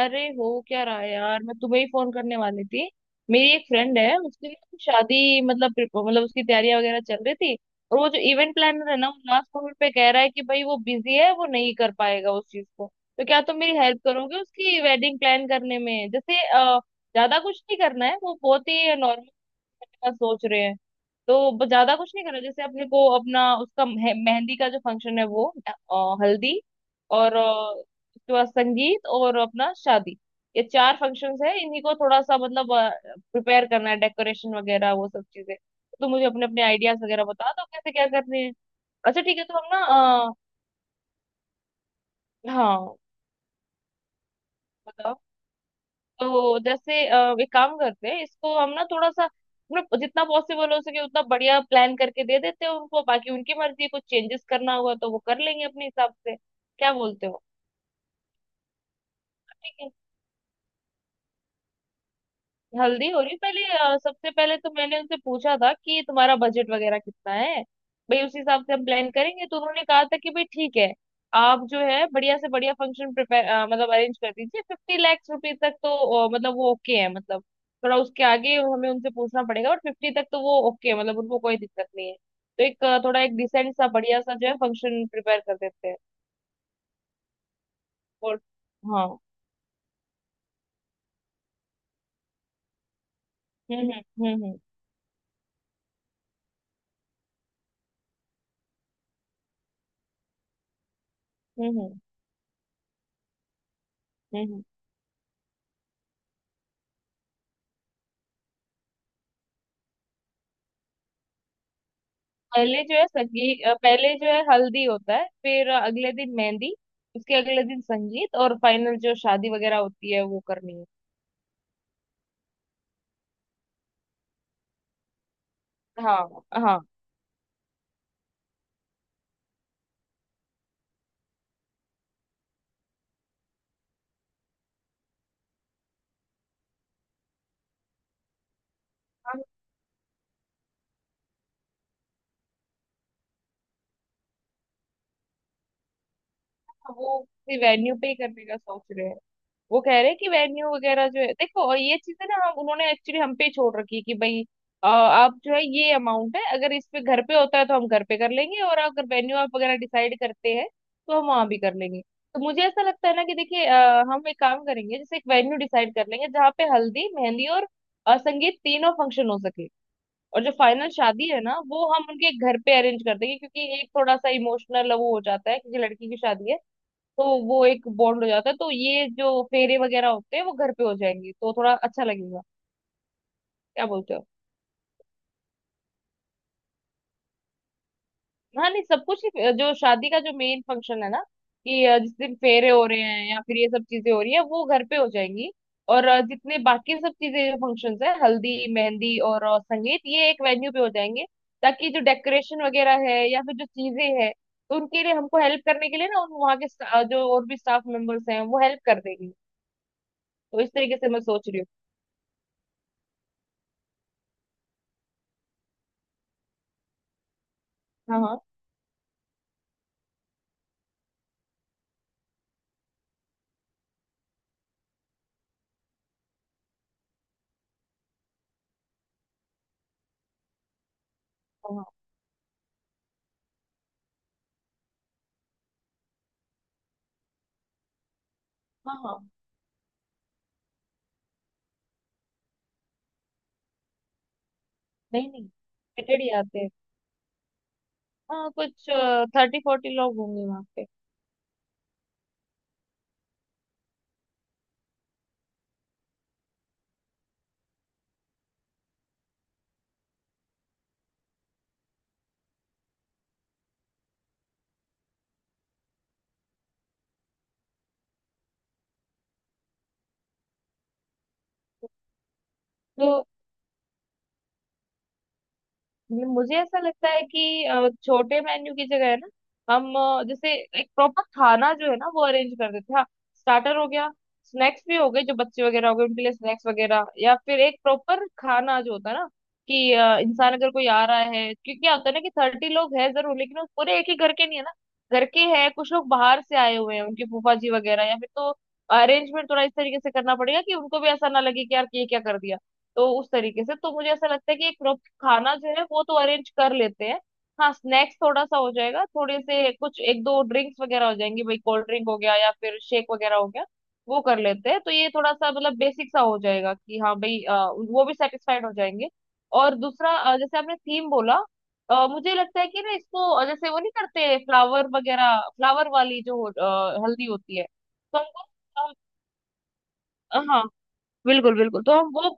अरे हो क्या रहा है यार मैं तुम्हें ही फोन करने वाली थी। मेरी एक फ्रेंड है उसकी ना शादी मतलब मतलब उसकी तैयारियां वगैरह चल रही थी। और वो जो इवेंट प्लानर है ना वो लास्ट मोमेंट पे कह रहा है कि भाई वो बिजी है वो नहीं कर पाएगा उस चीज को। तो क्या तुम मेरी हेल्प करोगे उसकी वेडिंग प्लान करने में जैसे ज्यादा कुछ नहीं करना है वो बहुत ही नॉर्मल का सोच रहे हैं। तो ज्यादा कुछ नहीं करना जैसे अपने को अपना उसका मेहंदी का जो फंक्शन है वो हल्दी और उसके बाद संगीत और अपना शादी। ये चार फंक्शंस है इन्हीं को थोड़ा सा मतलब प्रिपेयर करना है डेकोरेशन वगैरह वो सब चीजें। तो मुझे अपने अपने आइडियाज वगैरह बता दो कैसे क्या करने हैं। अच्छा ठीक है तो हम ना हाँ बताओ। तो जैसे एक काम करते हैं इसको हम ना थोड़ा सा मतलब जितना पॉसिबल हो सके उतना बढ़िया प्लान करके दे देते हैं उनको बाकी उनकी मर्जी है, कुछ चेंजेस करना होगा तो वो कर लेंगे अपने हिसाब से क्या बोलते हो। ठीक है। हल्दी हो रही पहले सबसे पहले तो मैंने उनसे पूछा था कि तुम्हारा बजट वगैरह कितना है भाई उस हिसाब से हम प्लान करेंगे। तो उन्होंने कहा था कि भाई ठीक है आप जो है बढ़िया से बढ़िया फंक्शन प्रिपेयर मतलब अरेंज कर दीजिए 50 लाख रुपए तक तो मतलब वो ओके है। मतलब थोड़ा उसके आगे हमें उनसे पूछना पड़ेगा और 50 तक तो वो ओके है मतलब उनको कोई दिक्कत नहीं है। तो एक थोड़ा एक डिसेंट सा बढ़िया सा जो है फंक्शन प्रिपेयर कर देते हैं। और हाँ। हम्म हम्म हम्म हम्म हम्म हम्म हम्म। पहले जो है संगीत पहले जो है हल्दी होता है फिर अगले दिन मेहंदी उसके अगले दिन संगीत और फाइनल जो शादी वगैरह होती है वो करनी है। हाँ हाँ। हम वो वेन्यू पे ही करने का सोच रहे हैं। वो कह रहे हैं कि वेन्यू वगैरह जो है देखो और ये चीजें ना हम उन्होंने एक्चुअली हम पे छोड़ रखी है कि भाई आप जो है ये अमाउंट है अगर इस पे घर पे होता है तो हम घर पे कर लेंगे और अगर वेन्यू आप वगैरह डिसाइड करते हैं तो हम वहां भी कर लेंगे। तो मुझे ऐसा लगता है ना कि देखिए हम एक काम करेंगे जैसे एक वेन्यू डिसाइड कर लेंगे जहाँ पे हल्दी मेहंदी और संगीत तीनों फंक्शन हो सके। और जो फाइनल शादी है ना वो हम उनके घर पे अरेंज कर देंगे क्योंकि एक थोड़ा सा इमोशनल वो हो जाता है क्योंकि लड़की की शादी है। तो वो एक बॉन्ड हो जाता है तो ये जो फेरे वगैरह होते हैं वो घर पे हो जाएंगे तो थोड़ा अच्छा लगेगा क्या बोलते हो। हाँ नहीं सब कुछ ही जो शादी का जो मेन फंक्शन है ना कि जिस दिन फेरे हो रहे हैं या फिर ये सब चीजें हो रही है वो घर पे हो जाएंगी। और जितने बाकी सब चीजें फंक्शंस है हल्दी मेहंदी और संगीत ये एक वेन्यू पे हो जाएंगे ताकि जो डेकोरेशन वगैरह है या फिर जो चीजें है तो उनके लिए हमको हेल्प करने के लिए ना उन वहाँ के जो और भी स्टाफ मेंबर्स हैं वो हेल्प कर देंगे। तो इस तरीके से मैं सोच रही हूँ। हाँ हाँ हाँ हाँ हाँ। नहीं नहीं लिमिटेड ही आते हैं। हाँ कुछ 30 40 लोग होंगे वहाँ पे। तो ये मुझे ऐसा लगता है कि छोटे मेन्यू की जगह है ना हम जैसे एक प्रॉपर खाना जो है ना वो अरेंज कर देते हैं। हाँ स्टार्टर हो गया स्नैक्स भी हो गए जो बच्चे वगैरह हो गए उनके लिए स्नैक्स वगैरह या फिर एक प्रॉपर खाना जो होता है ना कि इंसान अगर कोई आ रहा है क्योंकि क्या होता है ना कि 30 लोग हैं जरूर लेकिन वो पूरे एक ही घर के नहीं है ना। घर के हैं कुछ लोग बाहर से आए हुए हैं उनकी फूफा जी वगैरह या फिर तो अरेंजमेंट थोड़ा इस तरीके से करना पड़ेगा कि उनको भी ऐसा ना लगे कि यार ये क्या कर दिया। तो उस तरीके से तो मुझे ऐसा लगता है कि एक खाना जो है वो तो अरेंज कर लेते हैं। हाँ स्नैक्स थोड़ा सा हो जाएगा थोड़े से कुछ एक दो ड्रिंक्स वगैरह हो जाएंगी भाई कोल्ड ड्रिंक हो गया या फिर शेक वगैरह हो गया वो कर लेते हैं। तो ये थोड़ा सा मतलब बेसिक सा हो जाएगा कि हाँ भाई वो भी सेटिस्फाइड हो जाएंगे। और दूसरा जैसे आपने थीम बोला मुझे लगता है कि ना इसको जैसे वो नहीं करते फ्लावर वगैरह फ्लावर वाली जो हल्दी होती है तो हमको हाँ बिल्कुल बिल्कुल तो हम वो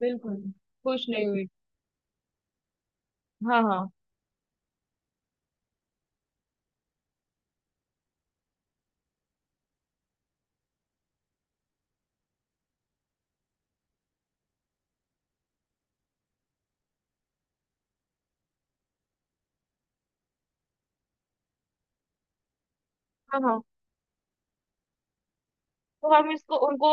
बिल्कुल खुश नहीं हुई। हाँ हाँ हाँ हाँ। तो हम इसको उनको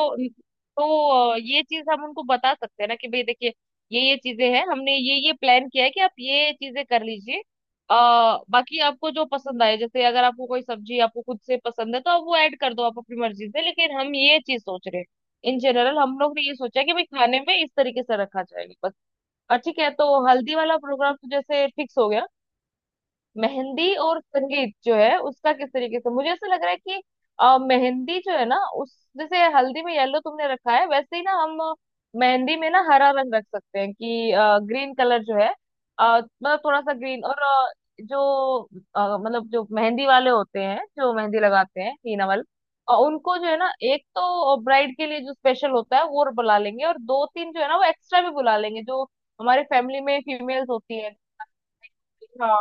तो ये चीज हम उनको बता सकते हैं ना कि भाई देखिए ये चीजें हैं हमने ये प्लान किया है कि आप ये चीजें कर लीजिए। बाकी आपको जो पसंद आए जैसे अगर आपको कोई सब्जी आपको खुद से पसंद है तो आप वो ऐड कर दो आप अपनी मर्जी से लेकिन हम ये चीज सोच रहे हैं। इन जनरल हम लोग ने ये सोचा है कि भाई खाने में इस तरीके से रखा जाएगा बस। और ठीक है तो हल्दी वाला प्रोग्राम तो जैसे फिक्स हो गया। मेहंदी और संगीत जो है उसका किस तरीके से मुझे ऐसा लग रहा है कि मेहंदी जो है ना उस जैसे हल्दी में येलो तुमने रखा है वैसे ही ना हम मेहंदी में ना हरा रंग रख सकते हैं कि ग्रीन कलर जो है मतलब थोड़ा सा ग्रीन और जो मतलब जो मेहंदी वाले होते हैं जो मेहंदी लगाते हैं हीना वाले उनको जो है ना एक तो ब्राइड के लिए जो स्पेशल होता है वो बुला लेंगे और दो तीन जो है ना वो एक्स्ट्रा भी बुला लेंगे जो हमारे फैमिली में फीमेल्स होती है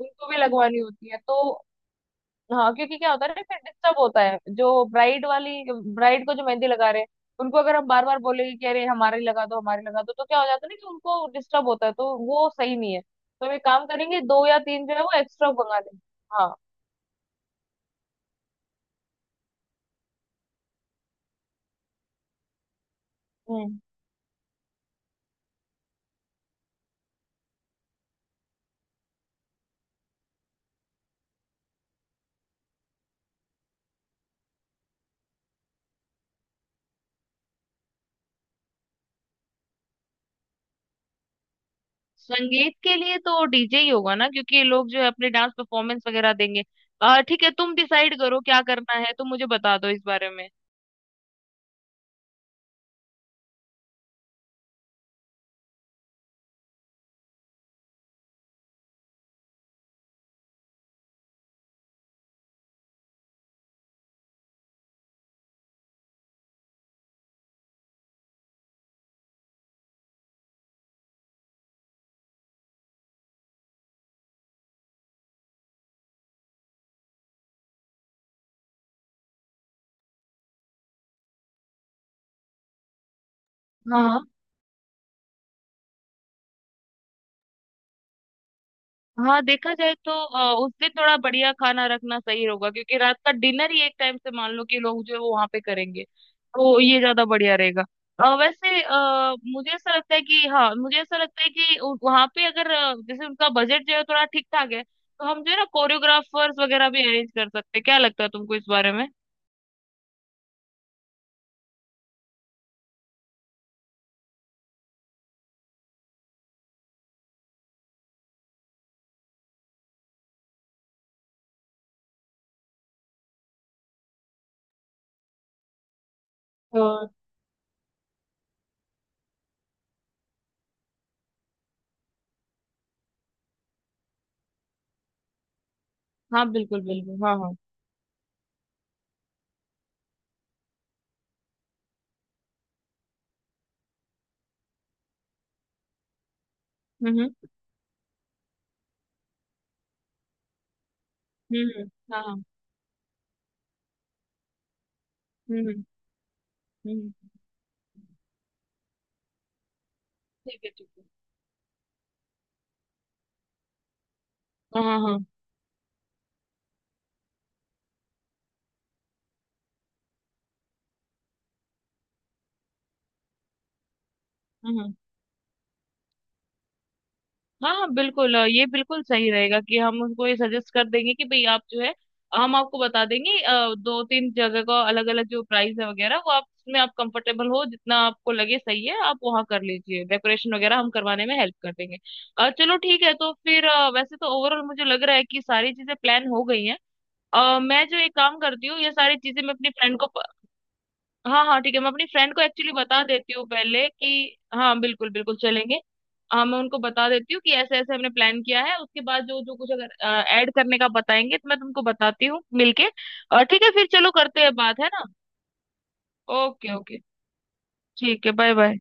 उनको भी लगवानी होती है तो हाँ क्योंकि क्या होता है ना फिर डिस्टर्ब होता है जो ब्राइड वाली ब्राइड को जो मेहंदी लगा रहे हैं उनको अगर हम बार बार बोलेंगे कि अरे हमारी लगा दो तो क्या हो जाता है ना कि उनको डिस्टर्ब होता है तो वो सही नहीं है तो हम एक काम करेंगे दो या तीन जो है वो एक्स्ट्रा मंगा लेंगे। हाँ हम्म। संगीत के लिए तो डीजे ही होगा ना क्योंकि ये लोग जो है अपने डांस परफॉर्मेंस वगैरह देंगे ठीक है तुम डिसाइड करो क्या करना है तुम मुझे बता दो इस बारे में। हाँ हाँ। हाँ देखा जाए तो उस दिन थोड़ा बढ़िया खाना रखना सही होगा क्योंकि रात का डिनर ही एक टाइम से मान लो कि लोग जो है वो वहां पे करेंगे तो ये ज्यादा बढ़िया रहेगा। वैसे मुझे ऐसा लगता है कि हाँ मुझे ऐसा लगता है कि वहां पे अगर जैसे उनका बजट जो है थोड़ा ठीक ठाक है तो हम जो है ना कोरियोग्राफर्स वगैरह भी अरेंज कर सकते हैं क्या लगता है तुमको इस बारे में। और हाँ बिल्कुल बिल्कुल हाँ हाँ। हम्म हम्म हम्म हाँ हाँ। हम्म हम्म हम्म, ठीक है ठीक है। हाँ हाँ हाँ हाँ। हाँ हाँ बिल्कुल ये बिल्कुल सही रहेगा कि हम उनको ये सजेस्ट कर देंगे कि भाई आप जो है हम आपको बता देंगे दो तीन जगह का अलग अलग जो प्राइस है वगैरह वो आप उसमें आप कंफर्टेबल हो जितना आपको लगे सही है आप वहाँ कर लीजिए डेकोरेशन वगैरह हम करवाने में हेल्प कर देंगे। चलो ठीक है तो फिर वैसे तो ओवरऑल मुझे लग रहा है कि सारी चीजें प्लान हो गई हैं। मैं जो एक काम करती हूँ ये सारी चीजें मैं अपनी फ्रेंड को हाँ हाँ ठीक है मैं अपनी फ्रेंड को एक्चुअली बता देती हूँ पहले कि हाँ बिल्कुल बिल्कुल चलेंगे। हाँ मैं उनको बता देती हूँ कि ऐसे ऐसे हमने प्लान किया है उसके बाद जो जो कुछ अगर ऐड करने का बताएंगे तो मैं तुमको बताती हूँ मिलके। और ठीक है फिर चलो करते हैं बात है ना। ओके ओके ठीक है बाय बाय।